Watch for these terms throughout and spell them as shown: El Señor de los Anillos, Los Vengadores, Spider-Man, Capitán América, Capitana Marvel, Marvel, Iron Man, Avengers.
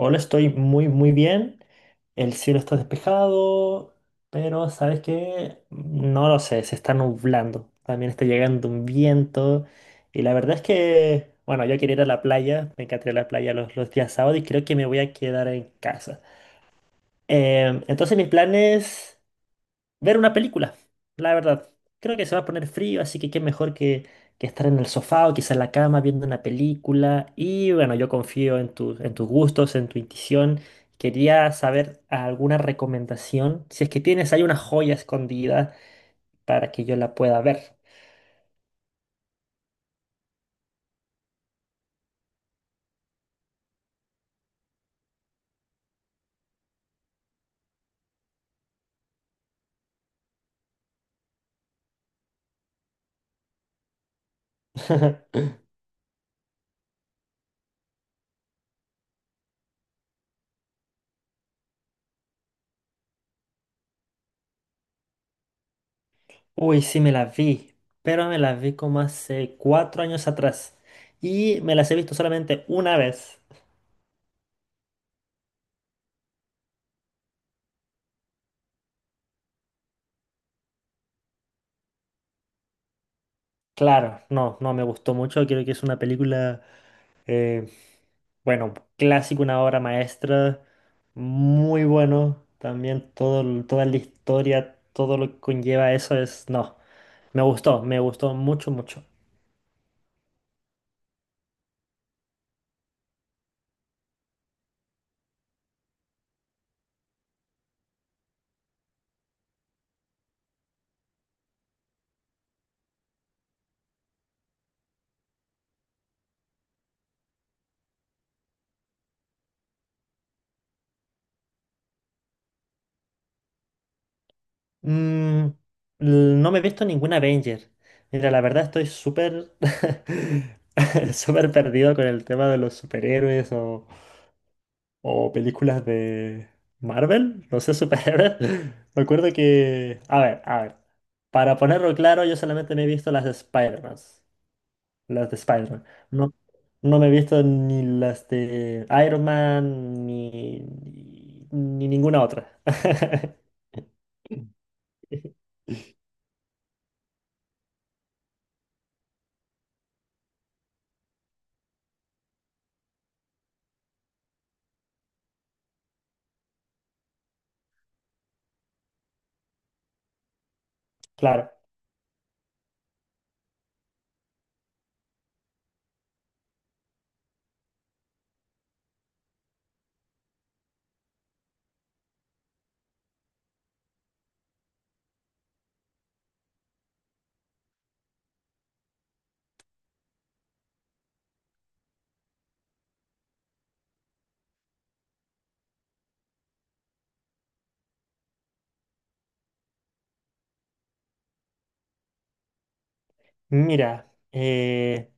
Hola, estoy muy, muy bien. El cielo está despejado, pero ¿sabes qué? No lo sé, se está nublando. También está llegando un viento. Y la verdad es que, bueno, yo quería ir a la playa, me encantaría ir a la playa los días sábados y creo que me voy a quedar en casa. Entonces mis planes ver una película, la verdad. Creo que se va a poner frío, así que qué mejor que estar en el sofá o quizá en la cama viendo una película. Y bueno, yo confío en en tus gustos, en tu intuición. Quería saber alguna recomendación, si es que tienes ahí una joya escondida para que yo la pueda ver. Uy, sí me la vi, pero me la vi como hace 4 años atrás y me las he visto solamente una vez. Claro, no, no me gustó mucho, creo que es una película eh, bueno, clásico, una obra maestra, muy bueno. También todo, toda la historia, todo lo que conlleva eso es, no, me gustó mucho, mucho. Mm, no me he visto ninguna Avenger. Mira, la verdad estoy súper, súper perdido con el tema de los superhéroes o películas de Marvel, no sé, superhéroes. Me acuerdo que, a ver, para ponerlo claro, yo solamente me he visto las de Spider-Man. No, no me he visto ni las de Iron Man ni ninguna otra. Claro. Mira,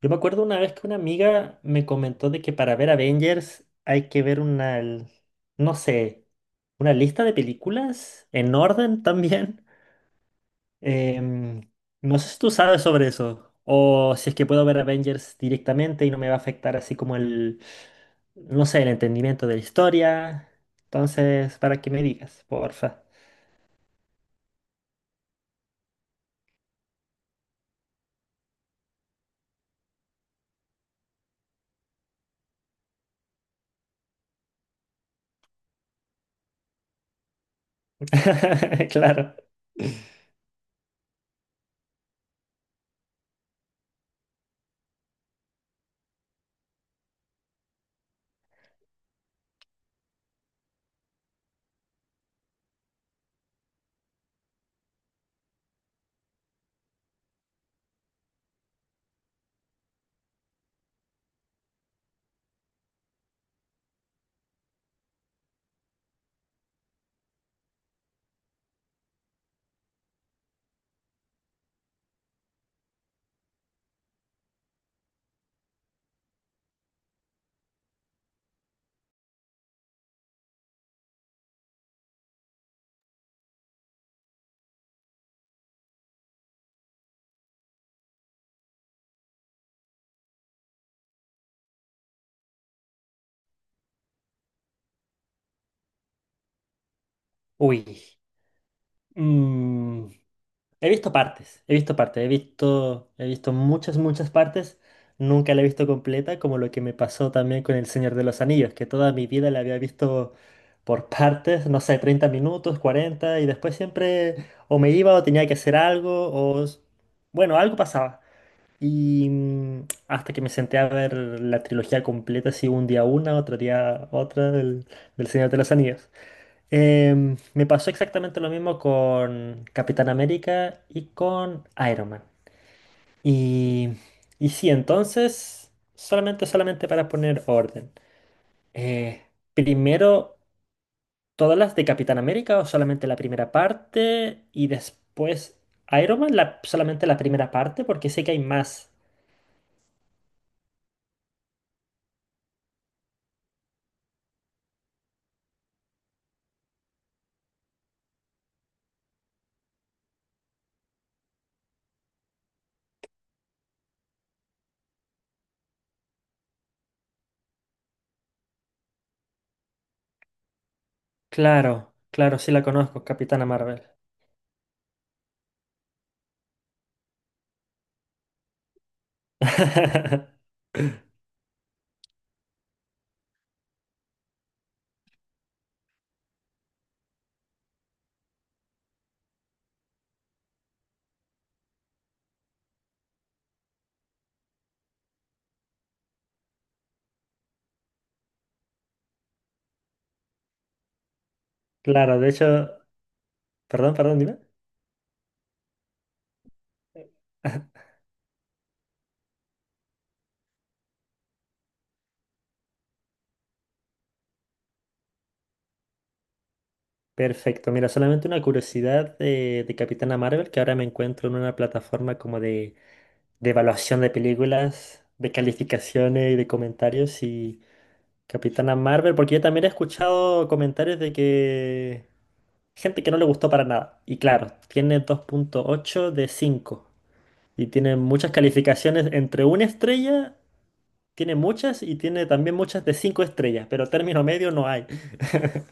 yo me acuerdo una vez que una amiga me comentó de que para ver Avengers hay que ver no sé, una lista de películas en orden también. Em, no sé si tú sabes sobre eso, o si es que puedo ver Avengers directamente y no me va a afectar así como el, no sé, el entendimiento de la historia. Entonces, para que me digas, porfa. Claro. Uy. Mm, He visto partes, he visto partes, he visto muchas, muchas partes. Nunca la he visto completa, como lo que me pasó también con El Señor de los Anillos, que toda mi vida la había visto por partes, no sé, 30 minutos, 40, y después siempre o me iba o tenía que hacer algo, bueno, algo pasaba. Y hasta que me senté a ver la trilogía completa, así un día una, otro día otra del Señor de los Anillos. Me pasó exactamente lo mismo con Capitán América y con Iron Man. Y, y sí, entonces, solamente, solamente para poner orden. eh, primero, ¿todas las de Capitán América o solamente la primera parte? Y después, Iron Man, solamente la primera parte, porque sé que hay más. Claro, claro, sí la conozco, Capitana Marvel. Claro, de hecho, perdón, perdón, dime. Perfecto, mira, solamente una curiosidad de Capitana Marvel, que ahora me encuentro en una plataforma como de evaluación de películas, de calificaciones y de comentarios y Capitana Marvel, porque yo también he escuchado comentarios de que gente que no le gustó para nada. Y claro, tiene 2,8 de 5 y tiene muchas calificaciones entre 1 estrella, tiene muchas y tiene también muchas de 5 estrellas, pero término medio no hay.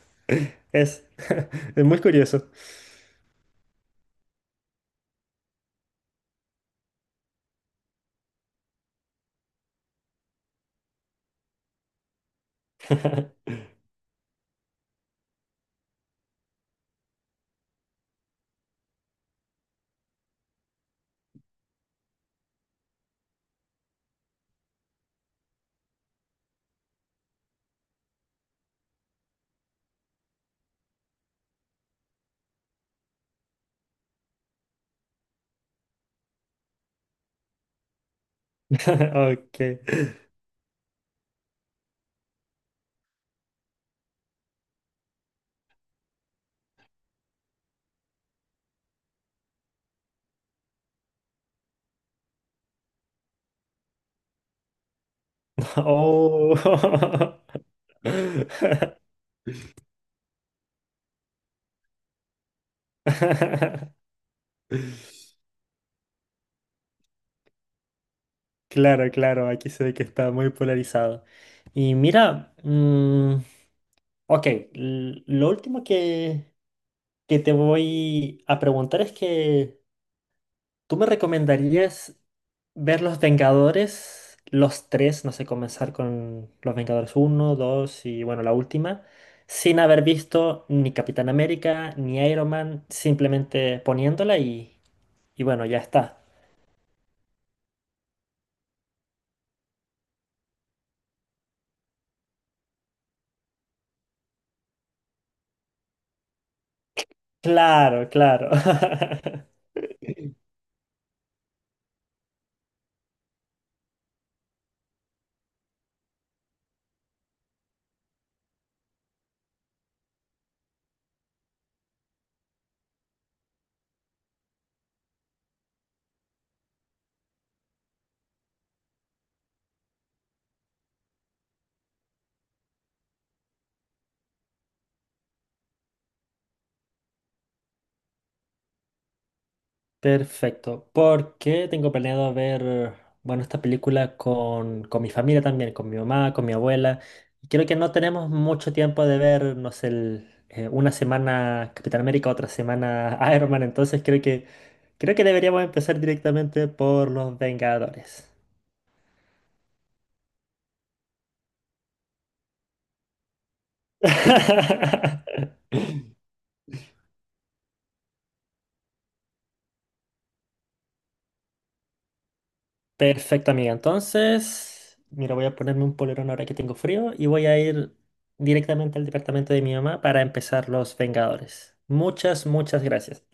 Es, es muy curioso. Ok. Oh. Claro, claro, aquí se ve que está muy polarizado. Y mira, ok, lo último que te voy a preguntar es que tú me recomendarías ver Los Vengadores, los tres, no sé, comenzar con Los Vengadores uno, 2 y bueno, la última, sin haber visto ni Capitán América, ni Iron Man, simplemente poniéndola. Y bueno, ya está. Claro, claro. Perfecto. Porque tengo planeado ver, bueno, esta película con mi familia también, con mi mamá, con mi abuela. Y creo que no tenemos mucho tiempo de ver, no sé, una semana Capitán América, otra semana Iron Man. Entonces creo que, deberíamos empezar directamente por Los Vengadores. Perfecto, amiga. Entonces, mira, voy a ponerme un polerón ahora que tengo frío y voy a ir directamente al departamento de mi mamá para empezar Los Vengadores. Muchas, muchas gracias.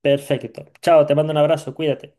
Perfecto. Chao, te mando un abrazo, cuídate.